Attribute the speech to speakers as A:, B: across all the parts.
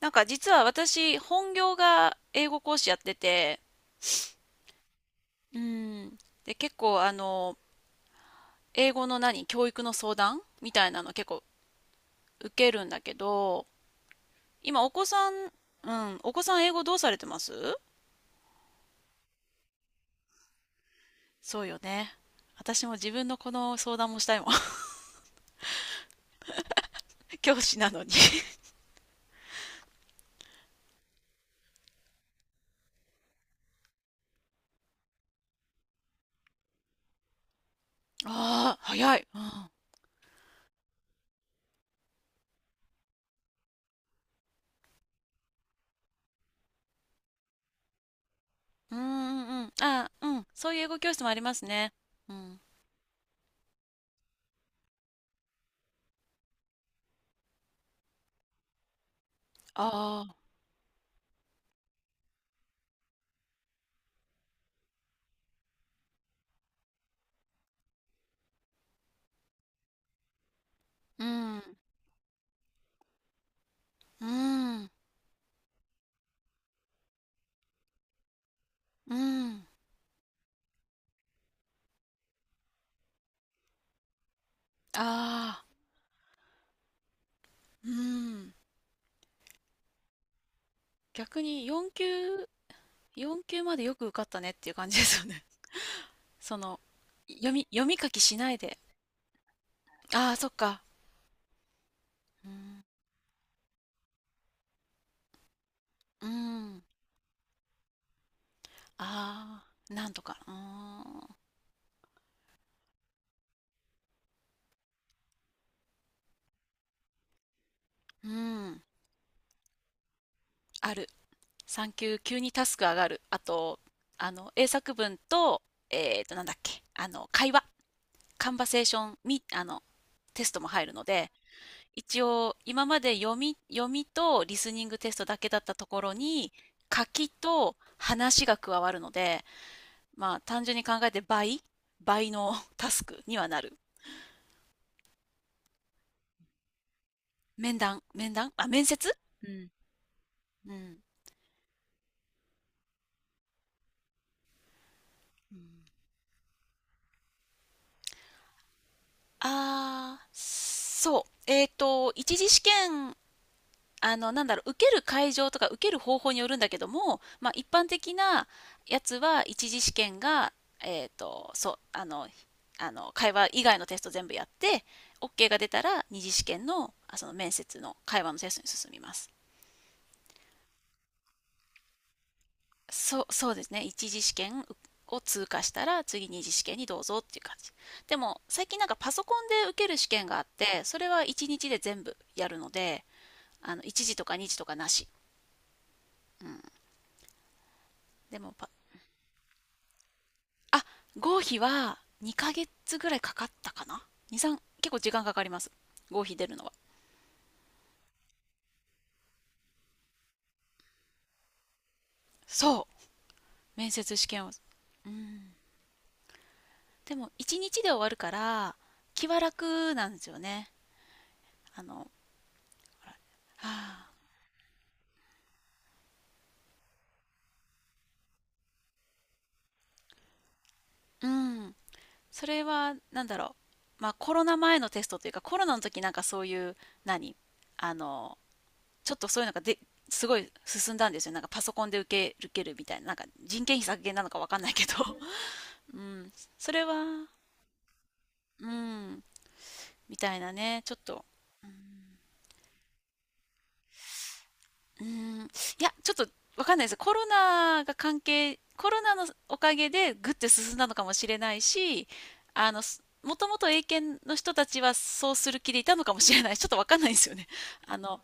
A: なんか実は私本業が英語講師やってて、うん。で、結構英語の何、教育の相談みたいなの結構受けるんだけど、今お子さん、うん、お子さん英語どうされてます？そうよね。私も自分のこの相談もしたいもん。教師なのに。ああ、早い。うん、うんうんうん。ああ、うん。そういう英語教室もありますね。うん。ああ、うん、うん、うん。ああ、うん。逆に4級までよく受かったねっていう感じですよね。その、読み書きしないで。ああ、そっか。うん、うん、ああ、なんとか。うーん、うん、ある。3級、急にタスク上がる。あと、英作文と、えっと、なんだっけ、あの、会話、カンバセーション、み、あの、テストも入るので、一応、今まで読みとリスニングテストだけだったところに、書きと話が加わるので、まあ、単純に考えて倍のタスクにはなる。面談、面談、あ、面接。うんうん。うん。ああ、そう。一次試験、受ける会場とか受ける方法によるんだけども、まあ、一般的なやつは、一次試験が、えっと、そう、あの、会話以外のテスト全部やって、OK が出たら、二次試験の、その面接の会話のテストに進みます。そう、そうですね。一次試験を通過したら次二次試験にどうぞっていう感じ。でも最近なんかパソコンで受ける試験があって、それは1日で全部やるので、1次とか2次とかなし。でもパ、あ、合否は2ヶ月ぐらいかかったかな？ 2、3、結構時間かかります。合否出るのは。そう、面接試験は。うん。でも1日で終わるから気は楽なんですよね。あの、ほらはあ、うん。それはなんだろう、まあ、コロナ前のテストというかコロナの時なんかそういう何あのちょっとそういうのがですごい進んだんですよ。なんかパソコンで受けるみたいな。なんか人件費削減なのかわかんないけど、うん、それは、うん、みたいなね、ちょっと、うん、うーん、いや、ちょっとわかんないです。コロナが関係、コロナのおかげでぐって進んだのかもしれないし、もともと英検の人たちはそうする気でいたのかもしれない。ちょっとわかんないですよね。あの、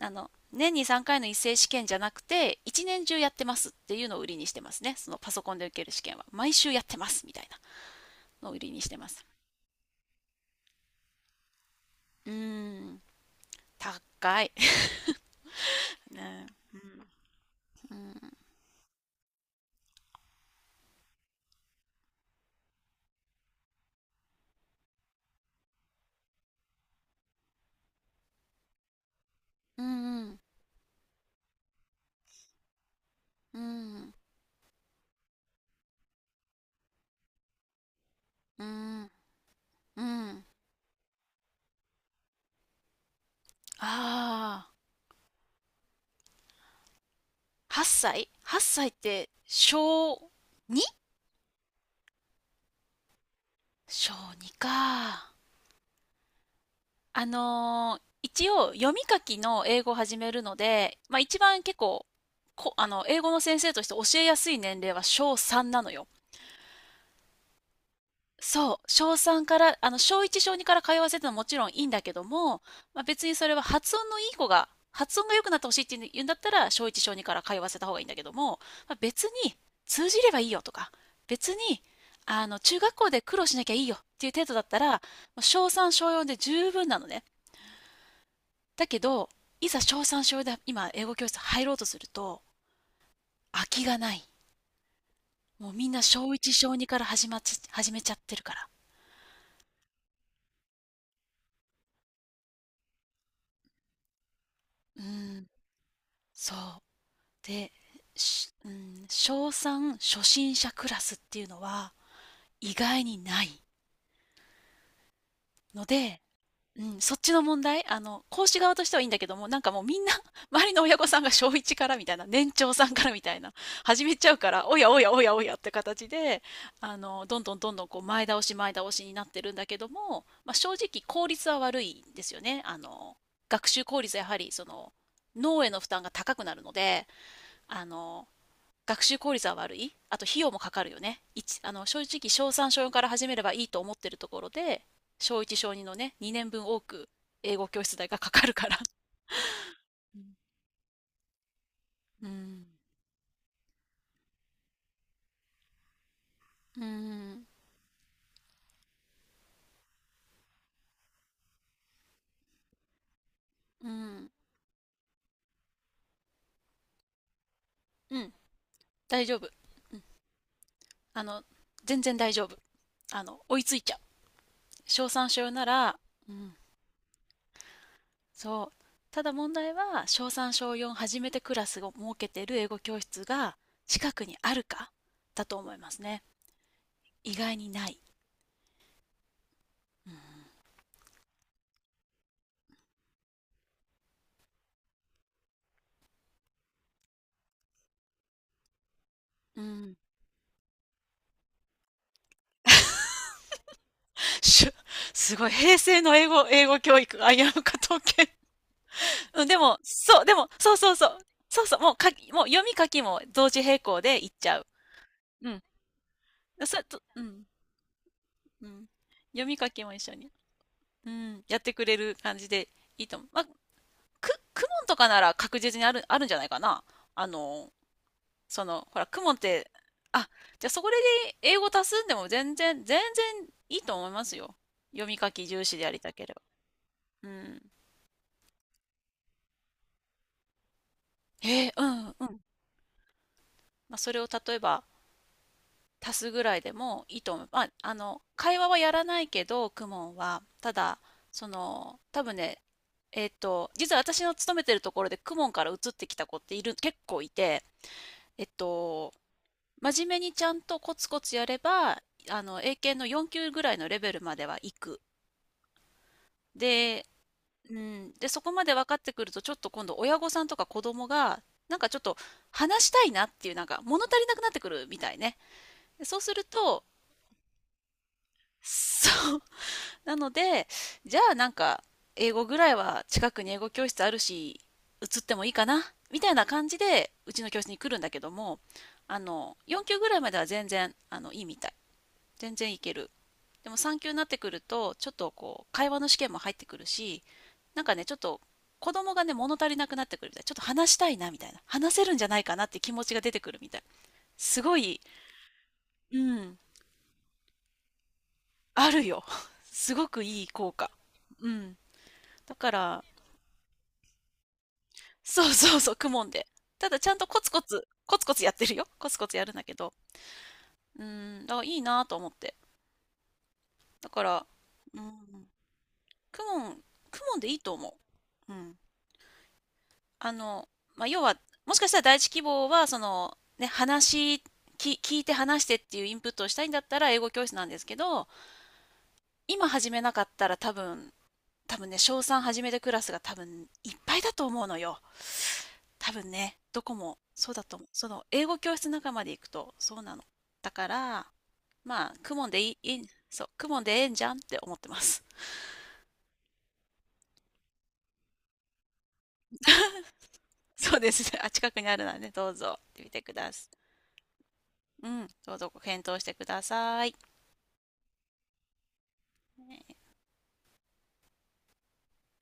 A: 年に3回の一斉試験じゃなくて、一年中やってますっていうのを売りにしてますね。そのパソコンで受ける試験は。毎週やってますみたいなのを売りにしてます。うーん、高い。ね、うん、うん、うん、うん、うん、うん、ああ。8歳？ 8 歳って小 2？ 小2か。一応読み書きの英語を始めるので、まあ一番結構、こ、あの、英語の先生として教えやすい年齢は小3なのよ。そう、小3から、小1、小2から通わせてのはもちろんいいんだけども、まあ、別にそれは発音のいい子が、発音が良くなってほしいって言うんだったら、小1、小2から通わせた方がいいんだけども、まあ、別に通じればいいよとか、別に、中学校で苦労しなきゃいいよっていう程度だったら、もう小3、小4で十分なのね。だけど、いざ小3、小4で今、英語教室入ろうとすると、空きがない。もうみんな小1、小2から始めちゃってるから。うん、そう。で、うん、小3初心者クラスっていうのは意外にないので、うん、そっちの問題、講師側としてはいいんだけども、なんかもうみんな、周りの親御さんが小1からみたいな、年長さんからみたいな、始めちゃうから、おやおやおやおやって形で、どんどんどんどんこう前倒し前倒しになってるんだけども、まあ、正直効率は悪いんですよね。学習効率はやはりその、脳への負担が高くなるので、あの、学習効率は悪い。あと費用もかかるよね。一正直、小3小4から始めればいいと思ってるところで、小1小2のね、2年分多く英語教室代がかかるから。うんうんうんうん、大丈夫、うん、あの全然大丈夫、追いついちゃう、小3小4なら、うん、そう。ただ問題は小3小4初めてクラスを設けてる英語教室が近くにあるかだと思いますね。意外にない。うん、しゅすごい、平成の英語、英語教育、危うか統計。うん、でも、そう、でも、そうそうそう。そうそう、もう読み書きも同時並行でいっちゃう。うん。それと、うん、うん。読み書きも一緒に。うん、やってくれる感じでいいと思う。まあ、クモンとかなら確実にある、あるんじゃないかな。あの、クモンって、あ、じゃあそこで英語足すんでも全然、全然いいと思いますよ。読み書き重視でやりたければ。うん。うん、うん。まあ、それを例えば足すぐらいでもいいと思う。まあ、あの会話はやらないけどクモンはただ、多分ね、実は私の勤めてるところでクモンから移ってきた子っている結構いて、えっと真面目にちゃんとコツコツやれば、英検の4級ぐらいのレベルまでは行く。で、うん、でそこまで分かってくると、ちょっと今度親御さんとか子供がなんかちょっと話したいなっていう、なんか物足りなくなってくるみたいね。そうするとそう。なので、じゃあなんか、英語ぐらいは近くに英語教室あるし、移ってもいいかなみたいな感じで、うちの教室に来るんだけども、4級ぐらいまでは全然、いいみたい。全然いける。でも3級になってくると、ちょっとこう、会話の試験も入ってくるし、なんかね、ちょっと、子供がね、物足りなくなってくるみたい。ちょっと話したいな、みたいな。話せるんじゃないかなって気持ちが出てくるみたい。すごい、うん、あるよ。すごくいい効果。うん。だから、そうそうそう、公文で。ただちゃんとコツコツ、コツコツやってるよ。コツコツやるんだけど。うん、だからいいなと思って。だから、うん、公文、公文でいいと思う。うん。あの、まあ、要は、もしかしたら第一希望は、その、ね、聞いて話してっていうインプットをしたいんだったら英語教室なんですけど、今始めなかったら多分ね、小3始めてクラスが多分いっぱいだと思うのよ。多分ね、どこもそうだと思う。その英語教室仲間で行くとそうなの。だから、まあ、クモンでいい、いい、そう、クモンでええんじゃんって思ってます。そうですね。あ、近くにあるので、ね、どうぞ、行ってみてください。うん、どうぞご検討してください。ね